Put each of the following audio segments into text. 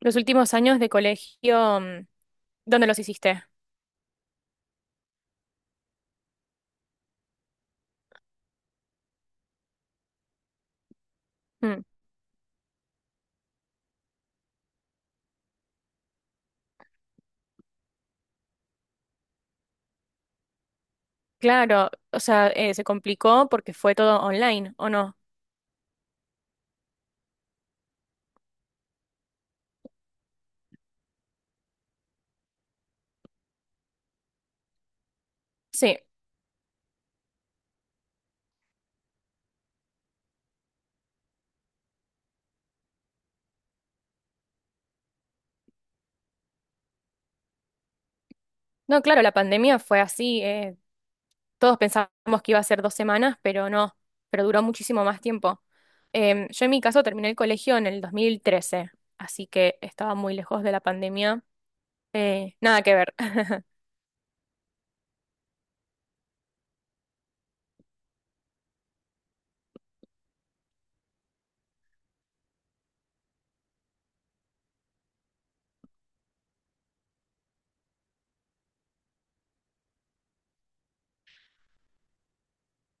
Los últimos años de colegio, ¿dónde los hiciste? Mm, claro, o sea, se complicó porque fue todo online, ¿o no? Sí, no, claro, la pandemia fue así. Todos pensábamos que iba a ser dos semanas, pero no, pero duró muchísimo más tiempo. Yo en mi caso terminé el colegio en el 2013, así que estaba muy lejos de la pandemia. Nada que ver.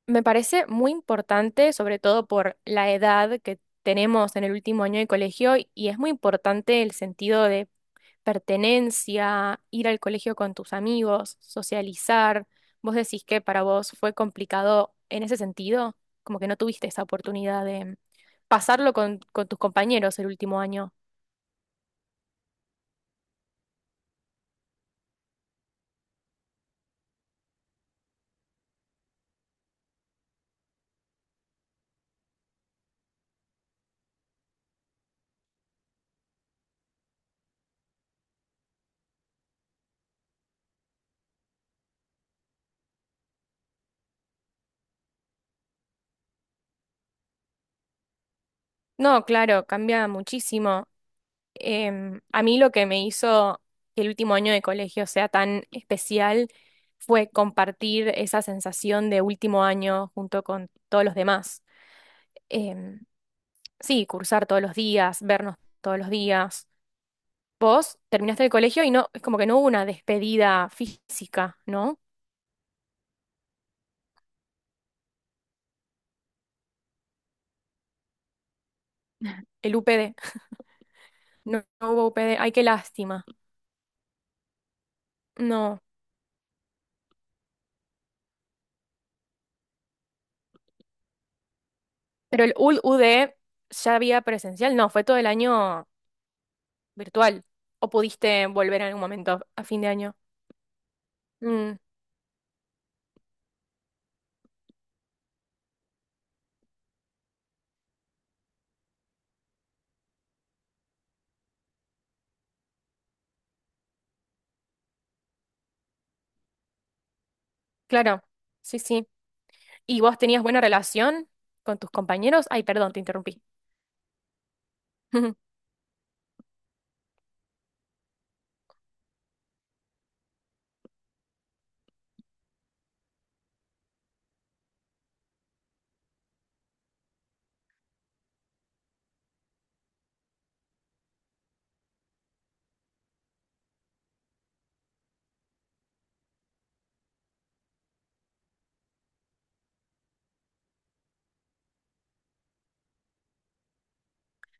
Me parece muy importante, sobre todo por la edad que tenemos en el último año de colegio, y es muy importante el sentido de pertenencia, ir al colegio con tus amigos, socializar. ¿Vos decís que para vos fue complicado en ese sentido? Como que no tuviste esa oportunidad de pasarlo con tus compañeros el último año. No, claro, cambia muchísimo. A mí lo que me hizo que el último año de colegio sea tan especial fue compartir esa sensación de último año junto con todos los demás. Em, sí, cursar todos los días, vernos todos los días. Vos terminaste el colegio y no, es como que no hubo una despedida física, ¿no? El UPD, no, no hubo UPD, ay, qué lástima, no. Pero el UD ya había presencial, no, fue todo el año virtual. ¿O pudiste volver en algún momento a fin de año? Mm, claro, sí, sí. ¿Y vos tenías buena relación con tus compañeros? Ay, perdón, te interrumpí.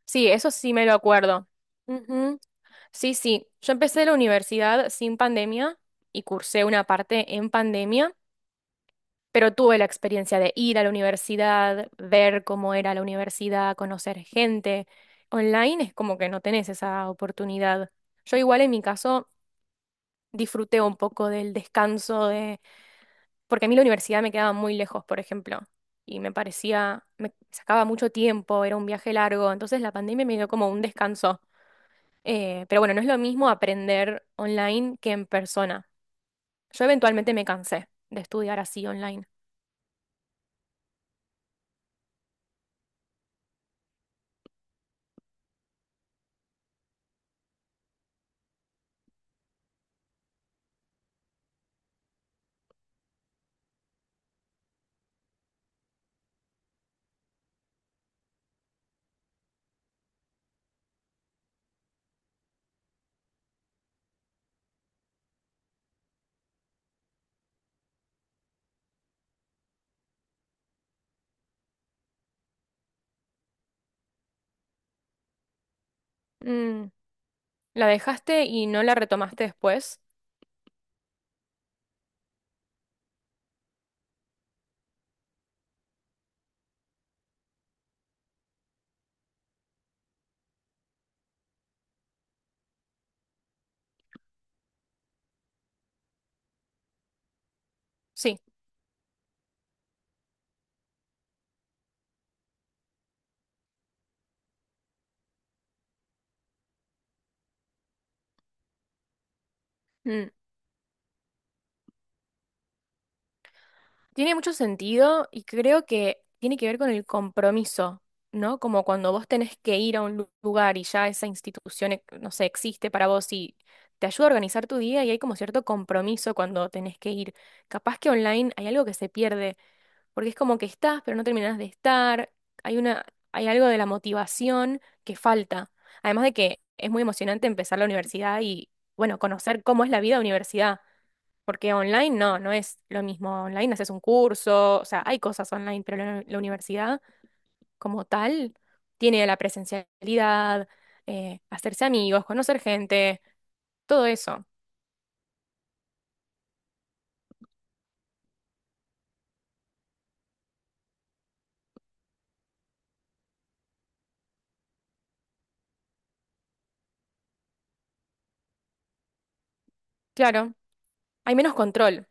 Sí, eso sí me lo acuerdo. Ujú. Sí, sí. Yo empecé la universidad sin pandemia y cursé una parte en pandemia, pero tuve la experiencia de ir a la universidad, ver cómo era la universidad, conocer gente. Online es como que no tenés esa oportunidad. Yo igual en mi caso disfruté un poco del descanso de, porque a mí la universidad me quedaba muy lejos, por ejemplo, y me parecía, me sacaba mucho tiempo, era un viaje largo, entonces la pandemia me dio como un descanso. Pero bueno, no es lo mismo aprender online que en persona. Yo eventualmente me cansé de estudiar así online. Mm, ¿la dejaste y no la retomaste después? Sí. Mm. Tiene mucho sentido y creo que tiene que ver con el compromiso, ¿no? Como cuando vos tenés que ir a un lugar y ya esa institución, no sé, existe para vos y te ayuda a organizar tu día y hay como cierto compromiso cuando tenés que ir. Capaz que online hay algo que se pierde, porque es como que estás, pero no terminás de estar. Hay una, hay algo de la motivación que falta. Además de que es muy emocionante empezar la universidad y, bueno, conocer cómo es la vida de universidad. Porque online no, no es lo mismo. Online haces un curso, o sea, hay cosas online, pero la universidad como tal tiene la presencialidad, hacerse amigos, conocer gente, todo eso. Claro, hay menos control.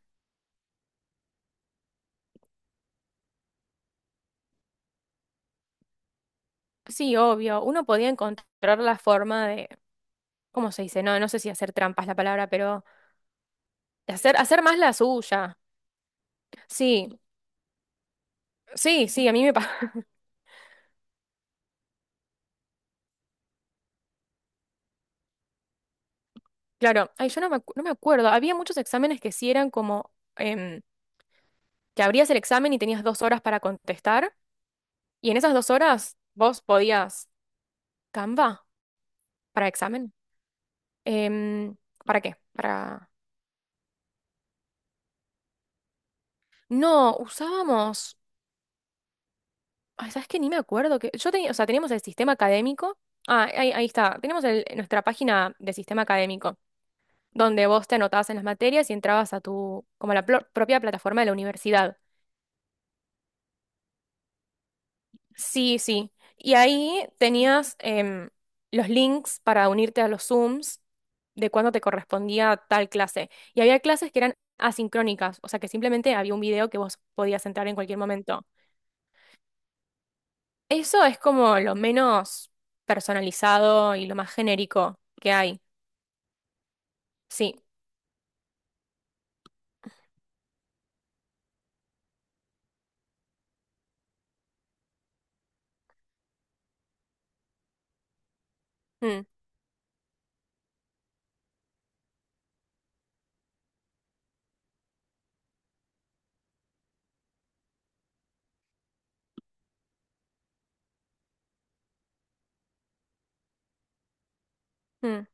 Sí, obvio, uno podía encontrar la forma de, ¿cómo se dice? No, no sé si hacer trampas la palabra, pero de hacer, hacer más la suya. Sí, sí, sí, a mí me pasa. Claro, ay, yo no me, no me acuerdo. Había muchos exámenes que sí eran como... em, que abrías el examen y tenías dos horas para contestar, y en esas dos horas vos podías Canva para examen. Em, ¿Para qué? Para... No, usábamos... Ay, ¿sabes qué? Ni me acuerdo que... Yo tenía, o sea, teníamos el sistema académico. Ah, ahí, ahí está. Tenemos el- nuestra página de sistema académico, donde vos te anotabas en las materias y entrabas a tu, como a la plo- propia plataforma de la universidad. Sí, sí. Y ahí tenías los links para unirte a los Zooms de cuándo te correspondía tal clase. Y había clases que eran asincrónicas, o sea que simplemente había un video que vos podías entrar en cualquier momento. Eso es como lo menos personalizado y lo más genérico que hay. Sí. Mm, mm.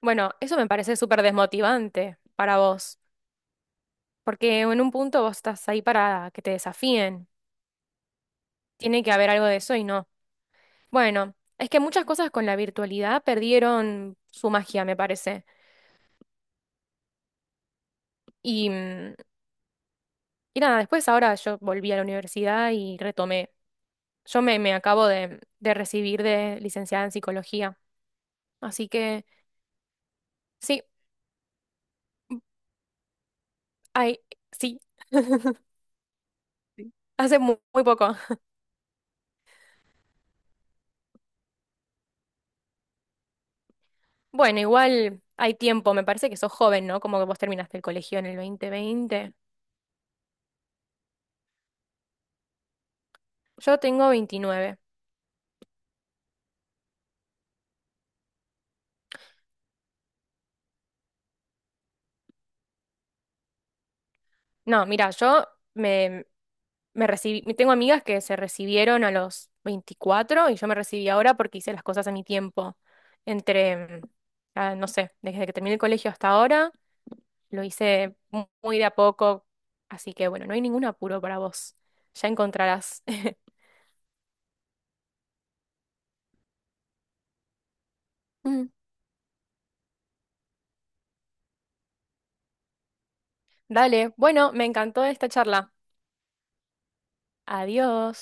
Bueno, eso me parece súper desmotivante para vos, porque en un punto vos estás ahí para que te desafíen. Tiene que haber algo de eso y no. Bueno, es que muchas cosas con la virtualidad perdieron su magia, me parece. Y, mm, y nada, después ahora yo volví a la universidad y retomé. Yo me, me acabo de recibir de licenciada en psicología. Así que sí, hay, sí, hace muy, poco. Bueno, igual hay tiempo, me parece que sos joven, ¿no? Como que vos terminaste el colegio en el 2020. Yo tengo 29. No, mira, yo me recibí, tengo amigas que se recibieron a los 24 y yo me recibí ahora porque hice las cosas a mi tiempo. Entre, no sé, desde que terminé el colegio hasta ahora, lo hice muy de a poco. Así que bueno, no hay ningún apuro para vos. Ya encontrarás. Mm. Dale, bueno, me encantó esta charla. Adiós.